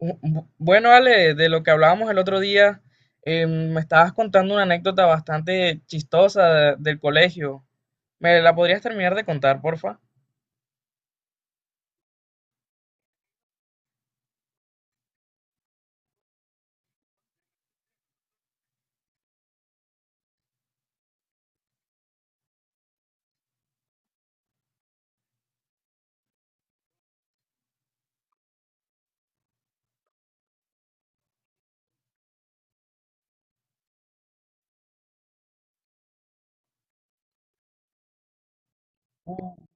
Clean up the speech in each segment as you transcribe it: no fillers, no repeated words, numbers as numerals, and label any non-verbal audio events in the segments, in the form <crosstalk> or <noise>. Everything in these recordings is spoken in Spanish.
Bueno, Ale, de lo que hablábamos el otro día, me estabas contando una anécdota bastante chistosa del colegio. ¿Me la podrías terminar de contar, porfa? Uh.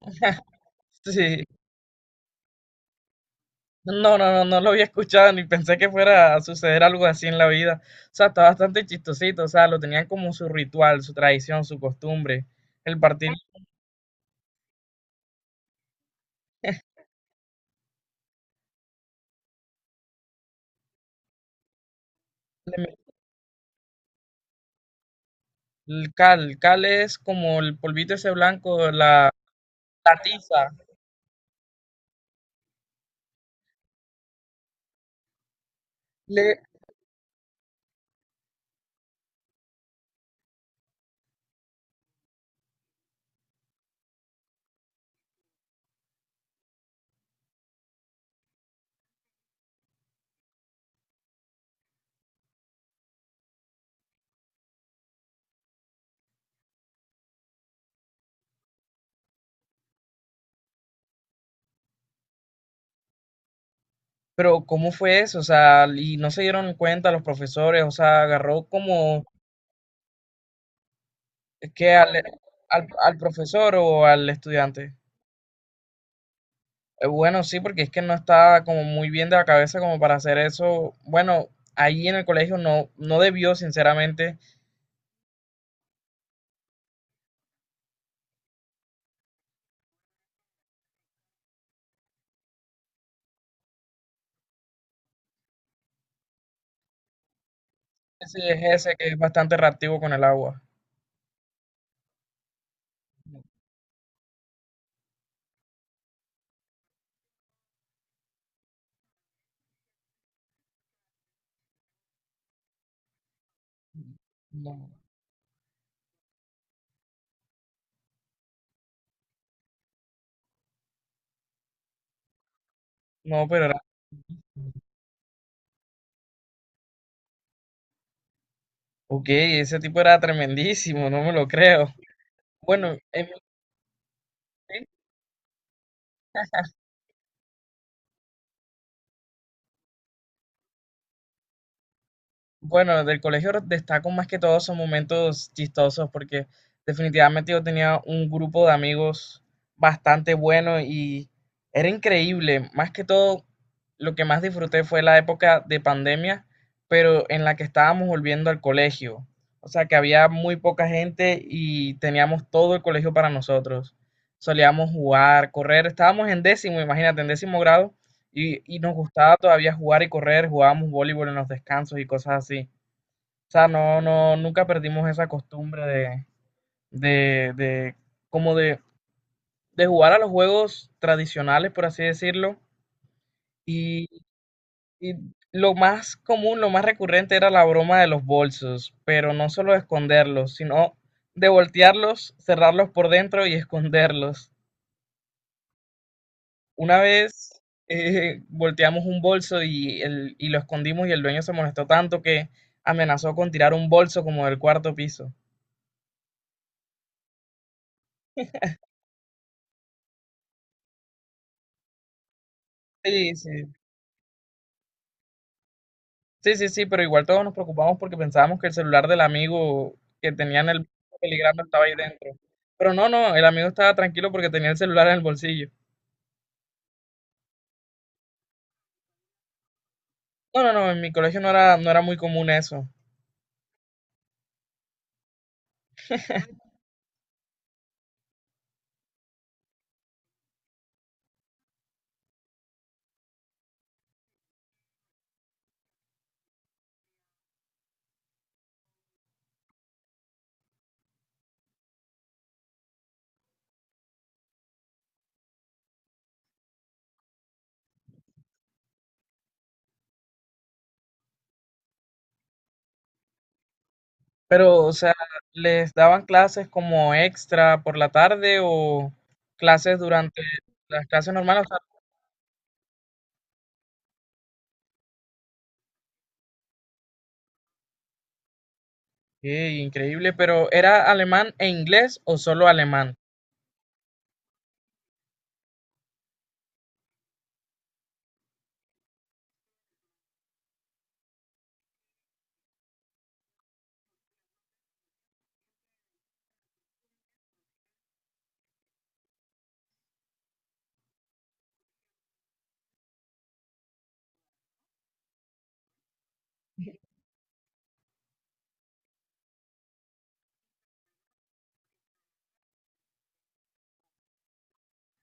<laughs> Sí. No, no, no, no lo había escuchado ni pensé que fuera a suceder algo así en la vida. O sea, está bastante chistosito, o sea, lo tenían como su ritual, su tradición, su costumbre. El partir de el cal es como el polvito ese blanco, la tiza. Pero ¿cómo fue eso? O sea, y no se dieron cuenta los profesores, o sea, agarró como que al, al, al profesor o al estudiante. Bueno, sí, porque es que no estaba como muy bien de la cabeza como para hacer eso. Bueno, ahí en el colegio no, no debió, sinceramente, ese es ese que es bastante reactivo con el agua. No, no, pero era... Ok, ese tipo era tremendísimo, no me lo creo. Bueno, en mi- Bueno, del colegio destaco más que todo son momentos chistosos porque definitivamente yo tenía un grupo de amigos bastante bueno y era increíble. Más que todo, lo que más disfruté fue la época de pandemia, pero en la que estábamos volviendo al colegio. O sea que había muy poca gente y teníamos todo el colegio para nosotros. Solíamos jugar, correr, estábamos en décimo, imagínate, en décimo grado y nos gustaba todavía jugar y correr, jugábamos voleibol en los descansos y cosas así. O sea, no, no, nunca perdimos esa costumbre de, de, como de, de jugar a los juegos tradicionales, por así decirlo. Y, y lo más común, lo más recurrente era la broma de los bolsos, pero no solo esconderlos, sino de voltearlos, cerrarlos por dentro y esconderlos. Una vez volteamos un bolso y lo escondimos y el dueño se molestó tanto que amenazó con tirar un bolso como del cuarto piso. Sí, sí, sí, sí, sí, pero igual todos nos preocupamos porque pensábamos que el celular del amigo que tenía en el peligrando estaba ahí dentro. Pero no, no, el amigo estaba tranquilo porque tenía el celular en el bolsillo. No, no, no, en mi colegio no era, no era muy común eso. Pero, o sea, ¿les daban clases como extra por la tarde o clases durante las clases normales? Qué increíble, pero ¿era alemán e inglés o solo alemán?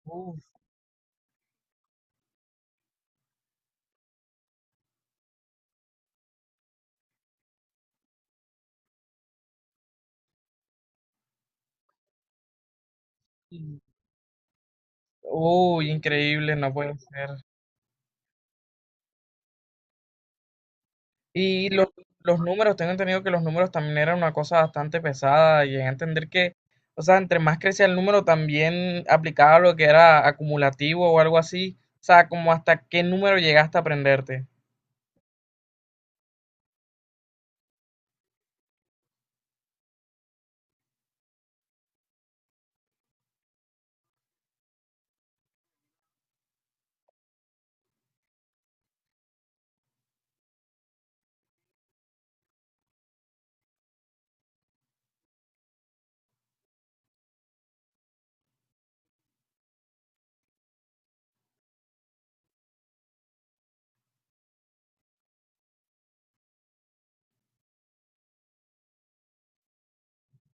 Uf, in- uy, increíble, no puede ser. Y los números, tengo entendido que los números también eran una cosa bastante pesada. Llegué a entender que, o sea, entre más crecía el número, también aplicaba lo que era acumulativo o algo así. O sea, como hasta qué número llegaste a aprenderte.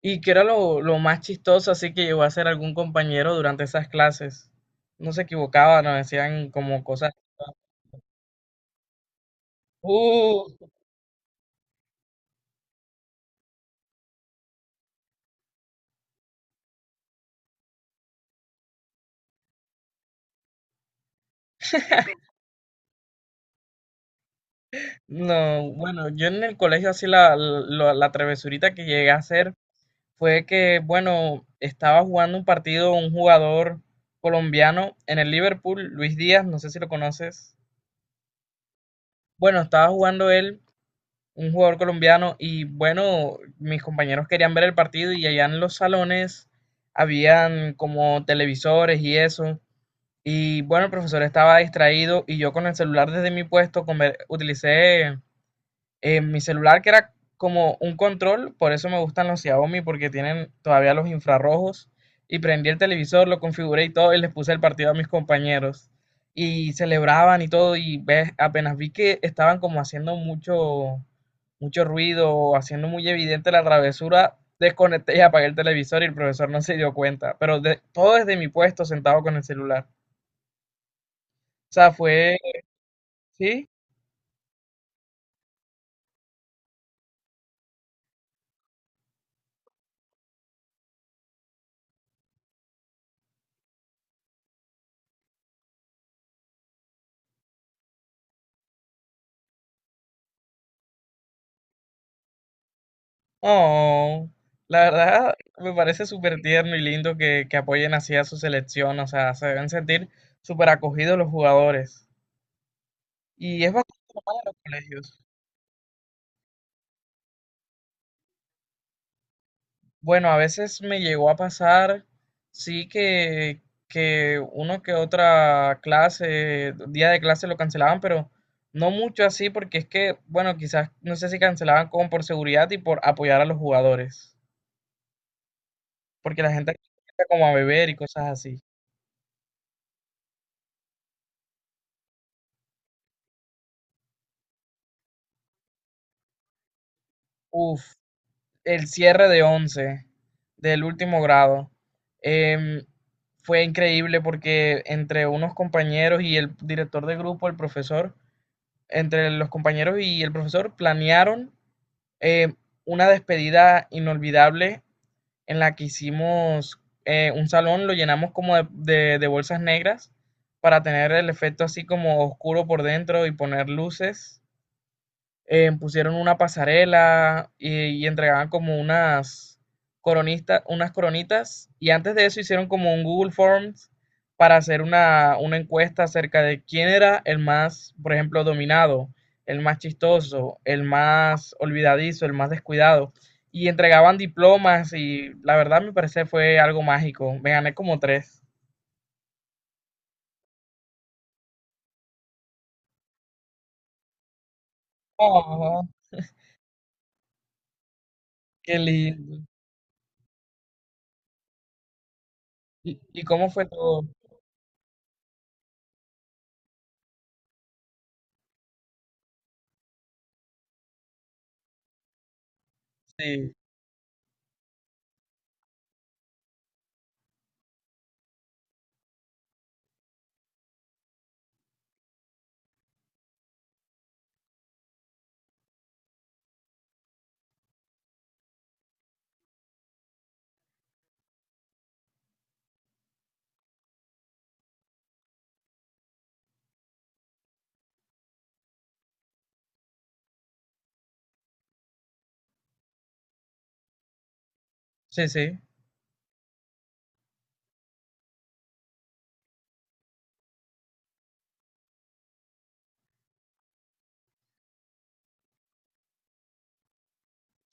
Y que era lo más chistoso, así que llegó a ser algún compañero durante esas clases. No se equivocaba, nos decían como cosas. ¡Uh! No, bueno, yo en el colegio así la, la, la travesurita que llegué a hacer fue que, bueno, estaba jugando un partido un jugador colombiano en el Liverpool, Luis Díaz, no sé si lo conoces. Bueno, estaba jugando él, un jugador colombiano, y bueno, mis compañeros querían ver el partido y allá en los salones habían como televisores y eso. Y bueno, el profesor estaba distraído y yo con el celular desde mi puesto utilicé en mi celular que era como un control, por eso me gustan los Xiaomi porque tienen todavía los infrarrojos y prendí el televisor, lo configuré y todo y les puse el partido a mis compañeros y celebraban y todo y ves, apenas vi que estaban como haciendo mucho ruido, haciendo muy evidente la travesura, desconecté y apagué el televisor y el profesor no se dio cuenta, todo desde mi puesto sentado con el celular. O sea, fue, sí. Oh, la verdad me parece súper tierno y lindo que apoyen así a su selección, o sea, se deben sentir súper acogidos los jugadores. Y es bastante normal en los colegios. Bueno, a veces me llegó a pasar, sí que uno que otra clase, día de clase lo cancelaban, pero no mucho así, porque es que, bueno, quizás no sé si cancelaban como por seguridad y por apoyar a los jugadores, porque la gente empieza como a beber y cosas así. Uf. El cierre de 11, del último grado, em, fue increíble porque entre unos compañeros y el director de grupo, el profesor, entre los compañeros y el profesor planearon eh, una despedida inolvidable en la que hicimos, un salón, lo llenamos como de bolsas negras para tener el efecto así como oscuro por dentro y poner luces, pusieron una pasarela y entregaban como unas coronistas, unas coronitas. Y antes de eso hicieron como un Google Forms para hacer una encuesta acerca de quién era el más, por ejemplo, dominado, el más chistoso, el más olvidadizo, el más descuidado. Y entregaban diplomas y la verdad me parece fue algo mágico. Me gané como 3. Oh, qué lindo. Y cómo fue todo? Sí, sí, sí.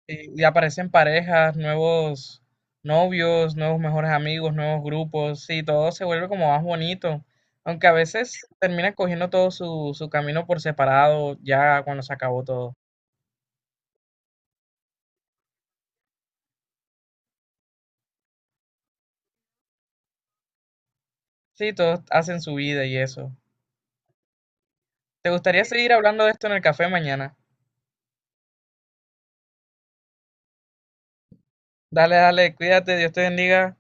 Sí, y aparecen parejas, nuevos novios, nuevos mejores amigos, nuevos grupos, sí, todo se vuelve como más bonito, aunque a veces termina cogiendo todo su, su camino por separado ya cuando se acabó todo. Sí, todos hacen su vida y eso. ¿Te gustaría seguir hablando de esto en el café mañana? Dale, dale, cuídate, Dios te bendiga.